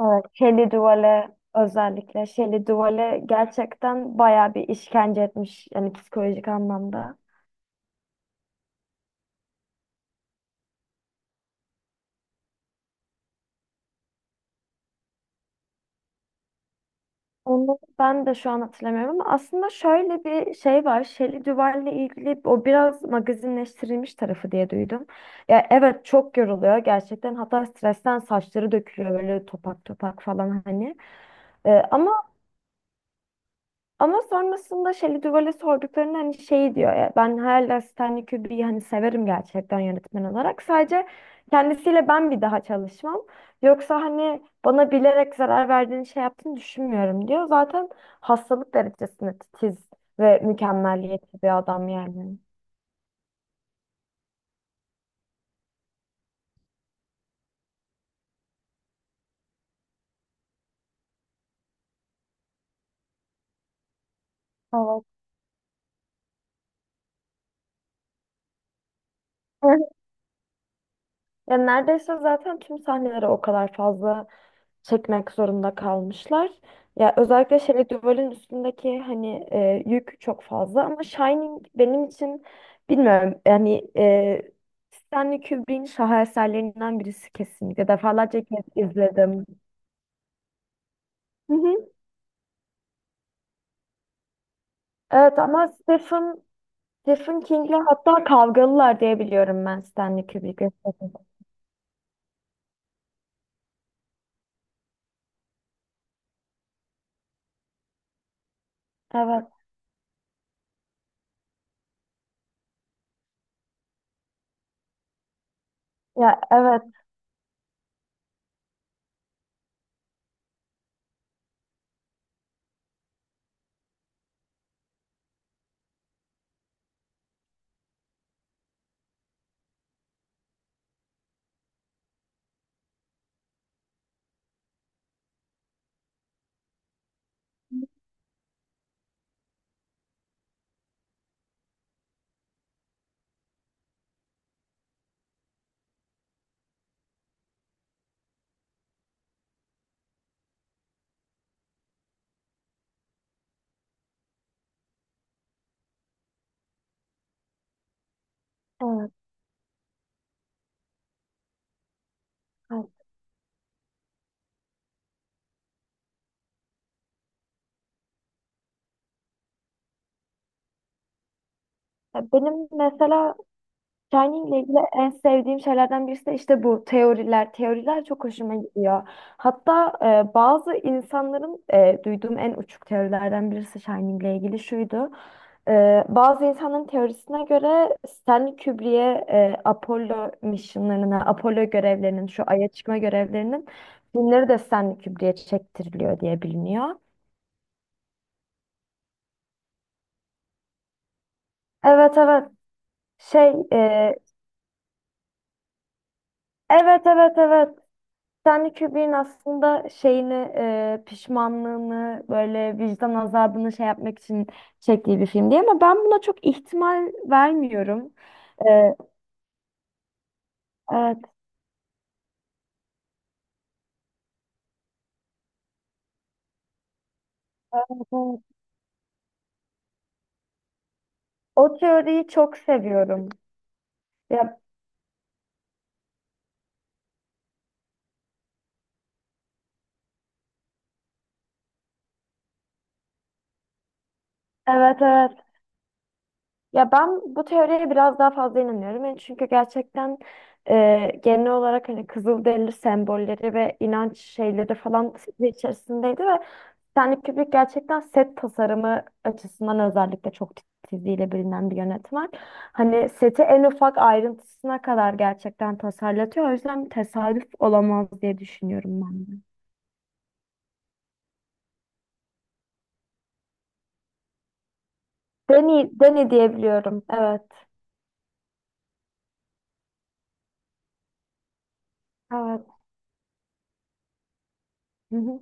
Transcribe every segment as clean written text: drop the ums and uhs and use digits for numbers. Evet, Shelley Duvall'e özellikle Shelley Duvall'e gerçekten bayağı bir işkence etmiş, yani psikolojik anlamda. Onu ben de şu an hatırlamıyorum, ama aslında şöyle bir şey var. Shelley Duvall'le ilgili o biraz magazinleştirilmiş tarafı diye duydum. Ya evet, çok yoruluyor gerçekten. Hatta stresten saçları dökülüyor, böyle topak topak falan hani. Ee, ama Ama sonrasında Shelley Duvall'e sorduklarında hani şey diyor ya, ben hala Stanley Kubrick'i hani severim gerçekten yönetmen olarak. Sadece kendisiyle ben bir daha çalışmam. Yoksa hani bana bilerek zarar verdiğini, şey yaptığını düşünmüyorum diyor. Zaten hastalık derecesinde titiz ve mükemmeliyetçi bir adam yani. Evet. Ya neredeyse zaten tüm sahneleri o kadar fazla çekmek zorunda kalmışlar. Ya özellikle şey duvarın üstündeki hani yük çok fazla, ama Shining benim için bilmiyorum yani, Stanley Kubrick'in şaheserlerinden birisi kesinlikle. Defalarca kez izledim. Hı hı. Evet, ama Stephen King'le hatta kavgalılar diye biliyorum ben Stanley Kubrick'le. Evet. Ya evet. Evet, evet. Ya benim mesela Shining ile ilgili en sevdiğim şeylerden birisi de işte bu teoriler. Teoriler çok hoşuma gidiyor. Hatta bazı insanların, duyduğum en uçuk teorilerden birisi Shining ile ilgili şuydu. Bazı insanların teorisine göre Stanley Kubrick'e, Apollo misyonlarına, Apollo görevlerinin, şu Ay'a çıkma görevlerinin filmleri de Stanley Kubrick'e çektiriliyor diye biliniyor. Evet, evet. Şey, evet, evet, evet. Stanley Kubrick'in aslında şeyini, pişmanlığını, böyle vicdan azabını şey yapmak için çektiği bir film diye, ama ben buna çok ihtimal vermiyorum. E, evet, evet. O teoriyi çok seviyorum. Ya, evet, evet. Ya ben bu teoriye biraz daha fazla inanıyorum. Yani çünkü gerçekten genel olarak hani Kızılderili sembolleri ve inanç şeyleri falan içerisindeydi, ve Stanley Kubrick gerçekten set tasarımı açısından özellikle çok titizliğiyle bilinen bir yönetmen. Hani seti en ufak ayrıntısına kadar gerçekten tasarlatıyor. O yüzden tesadüf olamaz diye düşünüyorum ben de. Deni, Deni diyebiliyorum. Evet. Evet. Hı hı.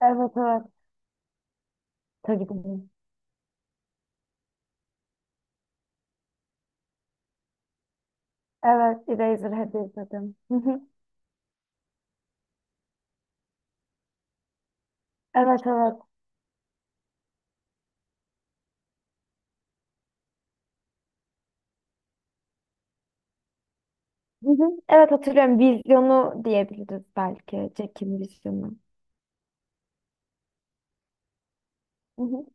Evet, evet. Tabii ki de. Evet. Eraserhead'i izledim. Hı hı. Evet, evet. Hı hı. Evet, hatırlıyorum. Vizyonu diyebiliriz belki. Jack'in vizyonu. Hı hı.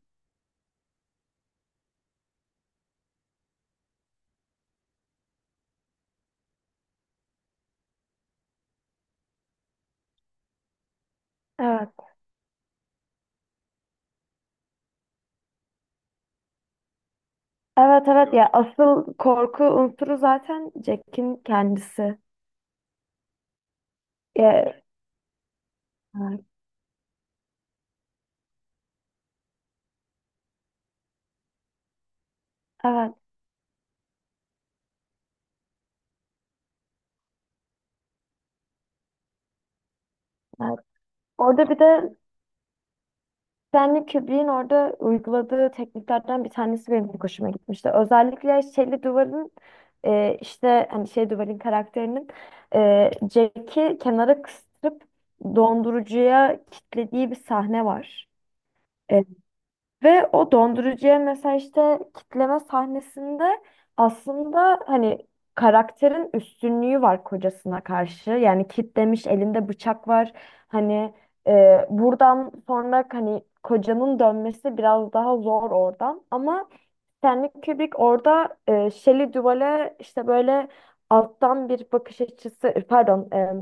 Evet. Evet, evet, ya asıl korku unsuru zaten Jack'in kendisi. Ya, evet, evet. Evet. Orada bir de Stanley Kubrick'in orada uyguladığı tekniklerden bir tanesi benim çok hoşuma gitmişti. Özellikle şeyli duvarın, işte hani şey duvarın karakterinin, Jack'i kenara kıstırıp dondurucuya kilitlediği bir sahne var. E, Ve o dondurucuya mesela işte kitleme sahnesinde aslında hani karakterin üstünlüğü var kocasına karşı. Yani kitlemiş, elinde bıçak var. Hani buradan sonra hani kocanın dönmesi biraz daha zor oradan. Ama Stanley Kubrick orada, Shelley Duvall'e işte böyle alttan bir bakış açısı, pardon,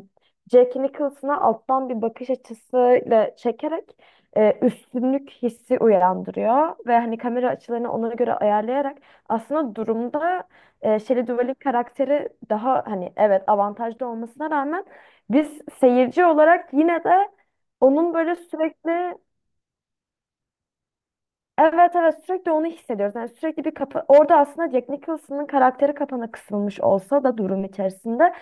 Jack Nicholson'a alttan bir bakış açısıyla çekerek üstünlük hissi uyandırıyor ve hani kamera açılarını ona göre ayarlayarak aslında durumda Shelley Duvall'in karakteri daha hani evet avantajlı olmasına rağmen biz seyirci olarak yine de onun böyle sürekli. Evet, evet, sürekli onu hissediyoruz. Yani sürekli bir kapa orada, aslında Jack Nicholson'ın karakteri kapana kısılmış olsa da durum içerisinde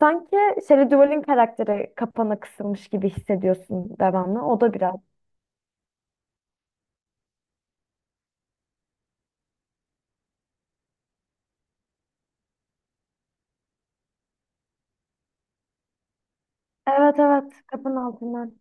sanki Shelley Duvall'in karakteri kapana kısılmış gibi hissediyorsun devamlı. O da biraz. Evet, evet, kapının altından.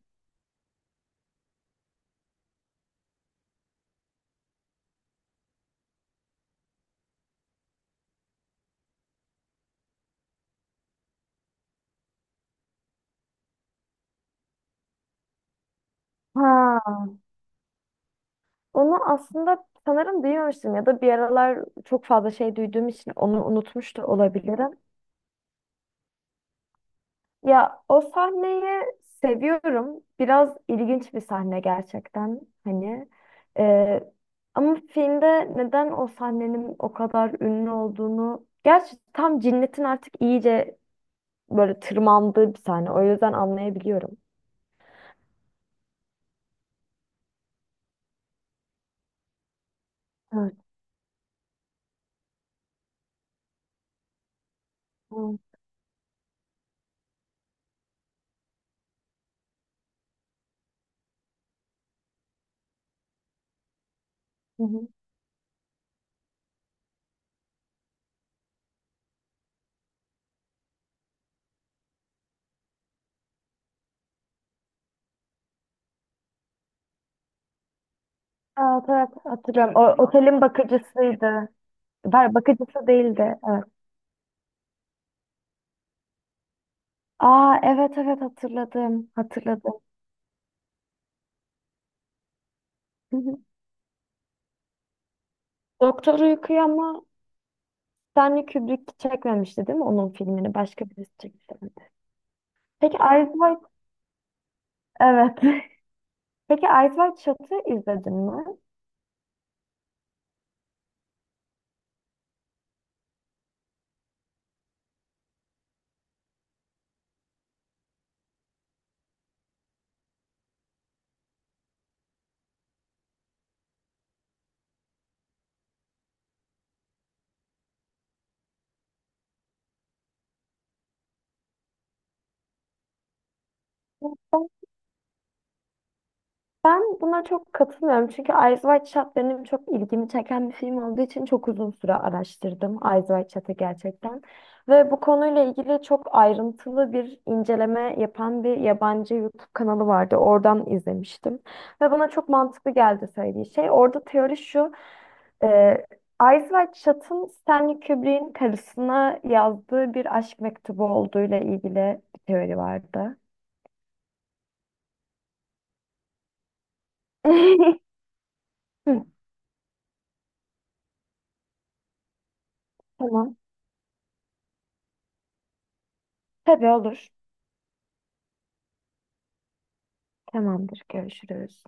Ha. Onu aslında sanırım duymamıştım, ya da bir aralar çok fazla şey duyduğum için onu unutmuş da olabilirim. Ya o sahneyi seviyorum. Biraz ilginç bir sahne gerçekten hani. Ee, Ama filmde neden o sahnenin o kadar ünlü olduğunu... Gerçi tam cinnetin artık iyice böyle tırmandığı bir sahne. O yüzden anlayabiliyorum. Evet. Evet. Hı hı. Evet, evet, hatırlıyorum. O, otelin bakıcısıydı. Ver bakıcısı değildi. Evet. Aa, evet, evet, hatırladım. Hatırladım. Hı hı. Doktor uykuyor, ama Stanley Kubrick çekmemişti değil mi onun filmini? Başka birisi çekti. Peki Eyes Wide, evet. Peki Eyes Wide Shut'ı izledin mi? Ben ben buna çok katılmıyorum. Çünkü Eyes Wide Shut benim çok ilgimi çeken bir film olduğu için çok uzun süre araştırdım Eyes Wide Shut'ı gerçekten. Ve bu konuyla ilgili çok ayrıntılı bir inceleme yapan bir yabancı YouTube kanalı vardı. Oradan izlemiştim. Ve bana çok mantıklı geldi söylediği şey. Orada teori şu. Ee, Eyes Wide Shut'ın Stanley Kubrick'in karısına yazdığı bir aşk mektubu olduğuyla ilgili bir teori vardı. Hı. Tamam. Tabii, olur. Tamamdır. Görüşürüz.